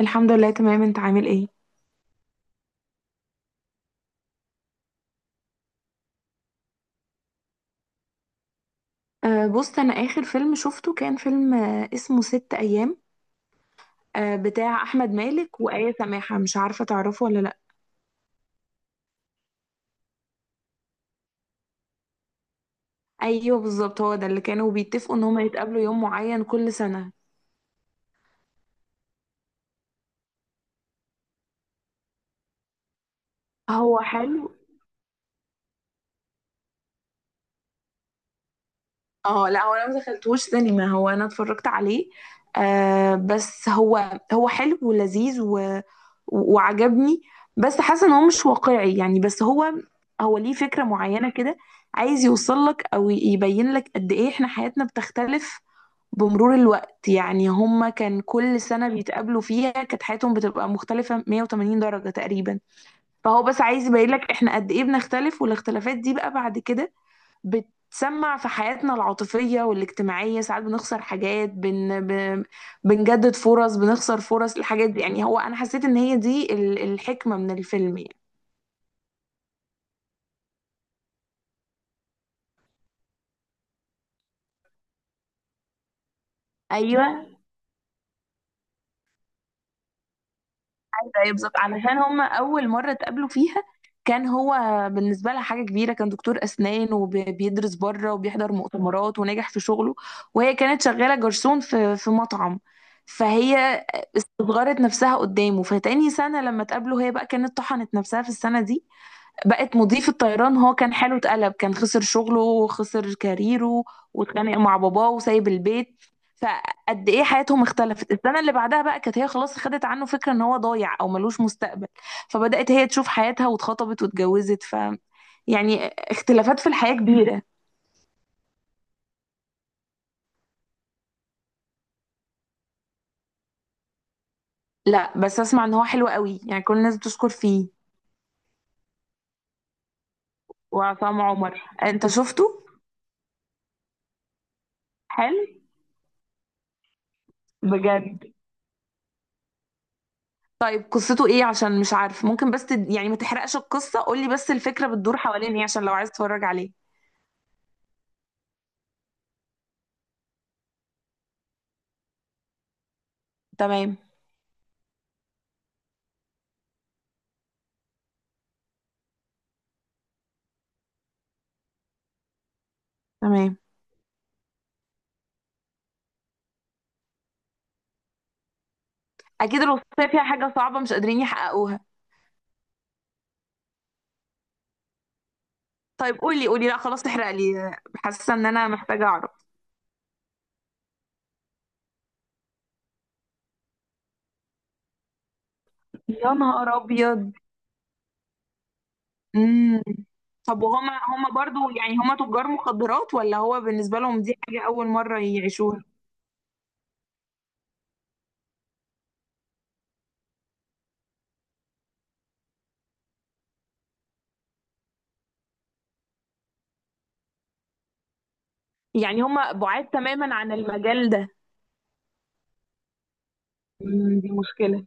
الحمد لله، تمام. انت عامل ايه؟ بص، انا اخر فيلم شفته كان فيلم اسمه ست ايام. بتاع احمد مالك وآية سماحة. مش عارفة تعرفه ولا لا؟ ايوه، بالظبط. هو ده اللي كانوا بيتفقوا ان هما يتقابلوا يوم معين كل سنة. هو حلو. اه، لا، هو انا ما دخلتوش سينما، هو انا اتفرجت عليه. بس هو حلو ولذيذ و... وعجبني. بس حاسه ان هو مش واقعي، يعني. بس هو هو ليه فكره معينه كده، عايز يوصل لك او يبين لك قد ايه احنا حياتنا بتختلف بمرور الوقت. يعني هما كان كل سنه بيتقابلوا فيها كانت حياتهم بتبقى مختلفه 180 درجه تقريبا. فهو بس عايز يبين لك احنا قد ايه بنختلف، والاختلافات دي بقى بعد كده بتسمع في حياتنا العاطفية والاجتماعية. ساعات بنخسر حاجات، بنجدد فرص، بنخسر فرص. الحاجات دي يعني، هو أنا حسيت إن هي دي الحكمة من الفيلم يعني. ايوه، أيوة، بالظبط. علشان هما اول مره اتقابلوا فيها كان هو بالنسبه لها حاجه كبيره، كان دكتور اسنان وبيدرس بره وبيحضر مؤتمرات ونجح في شغله. وهي كانت شغاله جرسون في مطعم. فهي استصغرت نفسها قدامه. فتاني سنه لما اتقابلوا، هي بقى كانت طحنت نفسها في السنه دي، بقت مضيف الطيران. هو كان حاله اتقلب، كان خسر شغله وخسر كاريره، واتخانق مع باباه وسايب البيت. فقد ايه حياتهم اختلفت. السنه اللي بعدها بقى كانت هي خلاص خدت عنه فكره ان هو ضايع او ملوش مستقبل، فبدات هي تشوف حياتها واتخطبت واتجوزت يعني اختلافات في الحياه كبيره. لا، بس اسمع ان هو حلو قوي، يعني كل الناس بتشكر فيه. وعصام عمر، انت شفته؟ حلو، بجد؟ طيب، قصته ايه؟ عشان مش عارف، ممكن بس يعني ما تحرقش القصة، قولي بس الفكرة بتدور حوالين ايه عشان لو عايز تتفرج عليه. تمام، تمام. اكيد الوصية فيها حاجة صعبة مش قادرين يحققوها. طيب، قولي قولي، لا خلاص تحرق لي، حاسة ان انا محتاجة اعرف. يا نهار ابيض! امم. طب، وهما برضو، يعني هما تجار مخدرات ولا هو بالنسبة لهم دي حاجة اول مرة يعيشوها؟ يعني هما بعاد تماما عن المجال ده. دي مشكلة.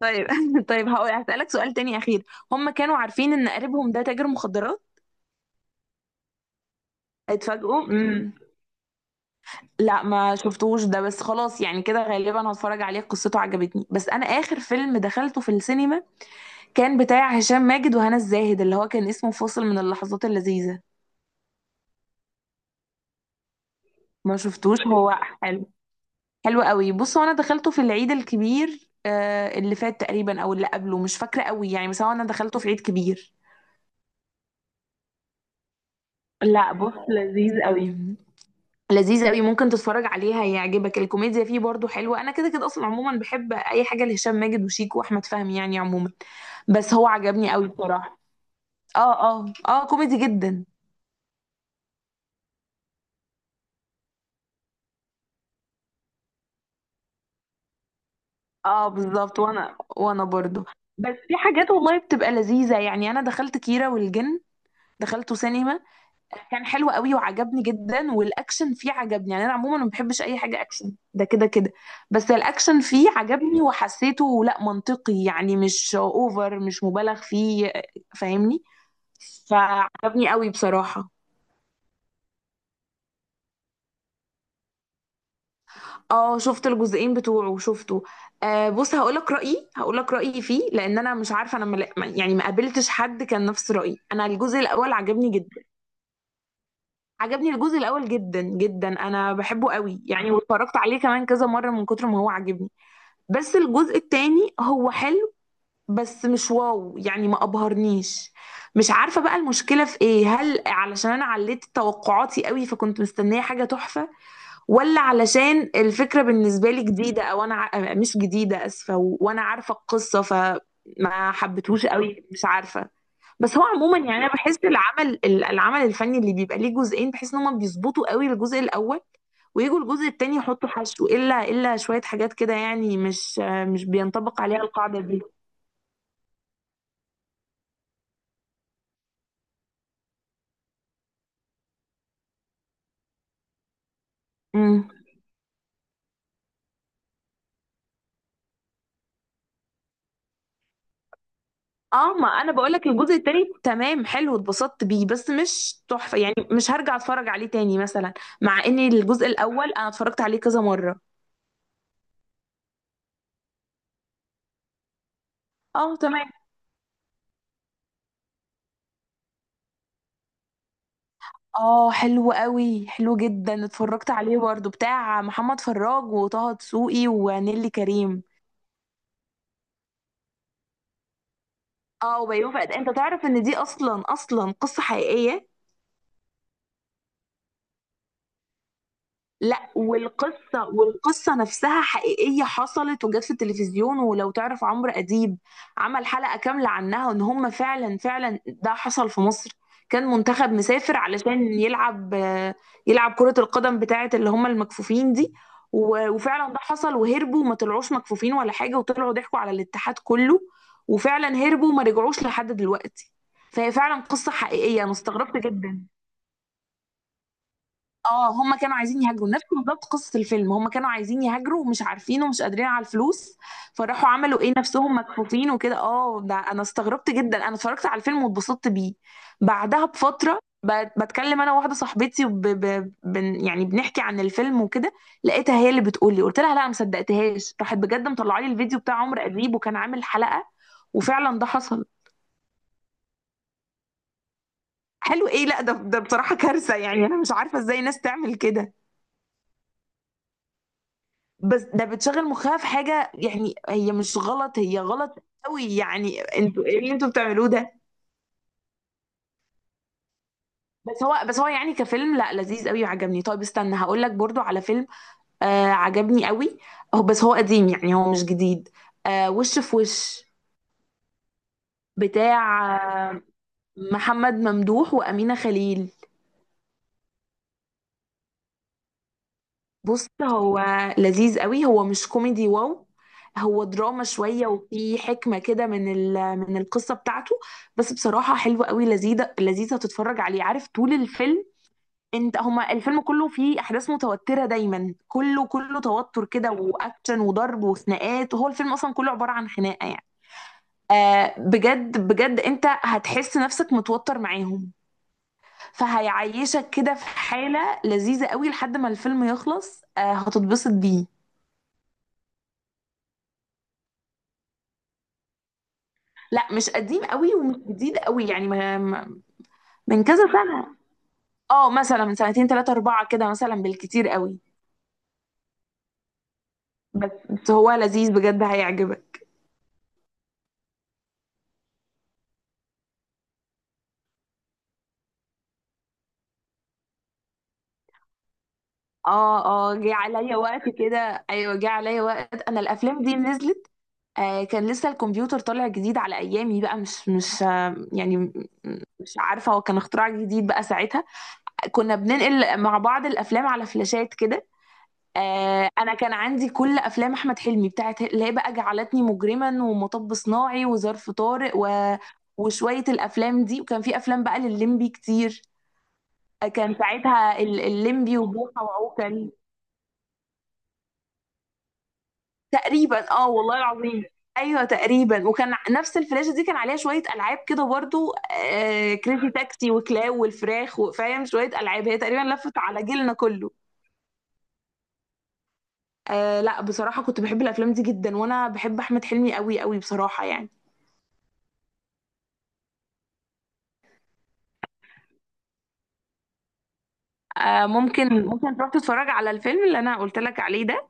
طيب طيب، هسألك سؤال تاني أخير. هم كانوا عارفين إن قريبهم ده تاجر مخدرات؟ اتفاجئوا، امم. لا، ما شفتوش ده، بس خلاص يعني كده غالبا هتفرج عليه، قصته عجبتني. بس أنا آخر فيلم دخلته في السينما كان بتاع هشام ماجد وهنا الزاهد، اللي هو كان اسمه فاصل من اللحظات اللذيذة. ما شفتوش. هو حلو، حلو قوي. بص هو أنا دخلته في العيد الكبير اللي فات تقريبا أو اللي قبله، مش فاكرة قوي يعني، بس هو أنا دخلته في عيد كبير. لا بص، لذيذ قوي، لذيذ قوي. ممكن تتفرج عليها، يعجبك. الكوميديا فيه برضو حلوة. انا كده كده اصلا، عموما بحب اي حاجة لهشام ماجد وشيكو واحمد فهمي، يعني عموما. بس هو عجبني قوي بصراحة. اه، اه، اه، كوميدي جدا. اه بالظبط، وانا برضو. بس في حاجات والله بتبقى لذيذة، يعني انا دخلت كيرة والجن، دخلته سينما. كان حلو قوي وعجبني جدا، والاكشن فيه عجبني، يعني انا عموما ما بحبش اي حاجه اكشن، ده كده كده. بس الاكشن فيه عجبني وحسيته، لا، منطقي، يعني مش اوفر، مش مبالغ فيه. فاهمني؟ فعجبني قوي بصراحه. اه شفت الجزئين بتوعه، شفته. بص، هقولك رأيي فيه. لأن أنا مش عارفة، أنا يعني ما قابلتش حد كان نفس رأيي. أنا الجزء الأول عجبني جدا. عجبني الجزء الأول جدا جدا، أنا بحبه قوي يعني، واتفرجت عليه كمان كذا مرة من كتر ما هو عجبني. بس الجزء التاني هو حلو، بس مش واو، يعني ما ابهرنيش. مش عارفة بقى المشكلة في ايه. هل علشان انا عليت توقعاتي قوي فكنت مستنية حاجة تحفة، ولا علشان الفكرة بالنسبة لي جديدة، او انا مش جديدة، اسفة، و- وانا عارفة القصة فما حبيتهوش قوي، مش عارفة. بس هو عموما يعني، انا بحس العمل العمل الفني اللي بيبقى ليه جزئين، بحس ان هما بيظبطوا قوي الجزء الاول، ويجوا الجزء التاني يحطوا حشو، الا شويه حاجات كده، يعني مش بينطبق عليها القاعده دي. امم. اه، ما انا بقول لك الجزء التاني تمام، حلو، اتبسطت بيه بس مش تحفه، يعني مش هرجع اتفرج عليه تاني مثلا. مع ان الجزء الاول انا اتفرجت عليه كذا مره. اه، تمام. اه، حلو قوي، حلو جدا، اتفرجت عليه برضو، بتاع محمد فراج وطه دسوقي ونيلي كريم. اه، وبيومي فؤاد. انت تعرف ان دي اصلا اصلا قصة حقيقية؟ لا، والقصة نفسها حقيقية، حصلت وجت في التلفزيون. ولو تعرف عمرو أديب، عمل حلقة كاملة عنها، وإن هم فعلا فعلا ده حصل في مصر. كان منتخب مسافر علشان يلعب كرة القدم بتاعة اللي هم المكفوفين دي. و- وفعلا ده حصل، وهربوا وما طلعوش مكفوفين ولا حاجة، وطلعوا ضحكوا على الاتحاد كله. وفعلا هربوا وما رجعوش لحد دلوقتي. فهي فعلا قصة حقيقية، أنا استغربت جدا. اه، هما كانوا عايزين يهاجروا، نفس بالظبط قصة الفيلم. هما كانوا عايزين يهاجروا ومش عارفين ومش قادرين على الفلوس، فراحوا عملوا ايه، نفسهم مكفوفين وكده. اه ده انا استغربت جدا. انا اتفرجت على الفيلم واتبسطت بيه. بعدها بفترة، بتكلم انا وواحدة صاحبتي، يعني بنحكي عن الفيلم وكده. لقيتها هي اللي بتقول لي، قلت لها لا، ما صدقتهاش، راحت بجد مطلعه لي الفيديو بتاع عمرو اديب وكان عامل حلقة. وفعلا ده حصل. حلو ايه؟ لا ده بصراحة كارثة، يعني انا مش عارفة ازاي ناس تعمل كده. بس ده بتشغل مخها في حاجة، يعني هي مش غلط، هي غلط قوي، يعني انتوا ايه اللي انتوا بتعملوه ده؟ بس هو يعني كفيلم، لا، لذيذ قوي وعجبني. طيب استنى، هقول لك برضو على فيلم عجبني قوي. بس هو قديم، يعني هو مش جديد. وش في وش. بتاع آه، محمد ممدوح وأمينة خليل. بص، هو لذيذ قوي، هو مش كوميدي واو، هو دراما شوية وفي حكمة كده من القصة بتاعته. بس بصراحة، حلوة قوي، لذيذة لذيذة تتفرج عليه، عارف؟ طول الفيلم انت، هما الفيلم كله فيه احداث متوترة دايما، كله كله توتر كده، واكشن وضرب وخناقات، وهو الفيلم اصلا كله عبارة عن خناقة يعني. بجد بجد انت هتحس نفسك متوتر معاهم، فهيعيشك كده في حالة لذيذة قوي لحد ما الفيلم يخلص، هتتبسط بيه. لا مش قديم قوي ومش جديد قوي، يعني من كذا سنة. اه، مثلا من سنتين ثلاثة أربعة كده، مثلا بالكتير قوي. بس هو لذيذ بجد، هيعجبك. اه، اه، جه عليا وقت كده، ايوه جه عليا وقت انا الافلام دي نزلت. كان لسه الكمبيوتر طالع جديد على ايامي بقى، مش مش آه يعني مش عارفه هو كان اختراع جديد بقى ساعتها. كنا بننقل مع بعض الافلام على فلاشات كده. انا كان عندي كل افلام احمد حلمي بتاعت اللي هي بقى جعلتني مجرما، ومطب صناعي، وظرف طارق، و... وشويه الافلام دي. وكان في افلام بقى لللمبي كتير. كان ساعتها اللمبي وبوحه وعوكل. تقريبا اه، والله العظيم. ايوه تقريبا، وكان نفس الفلاشه دي كان عليها شويه العاب كده برضو. كريزي تاكسي وكلاو والفراخ وفاهم، شويه العاب هي تقريبا لفت على جيلنا كله. لا بصراحه كنت بحب الافلام دي جدا، وانا بحب احمد حلمي قوي قوي بصراحه يعني. ممكن تروح تتفرج على الفيلم اللي انا قلت لك عليه ده.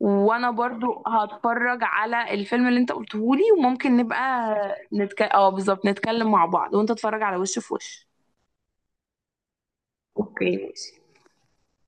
وانا برضو هتفرج على الفيلم اللي انت قلته لي، وممكن نبقى نتك... اه بالظبط نتكلم مع بعض وانت تتفرج على وش في وش. اوكي ماشي.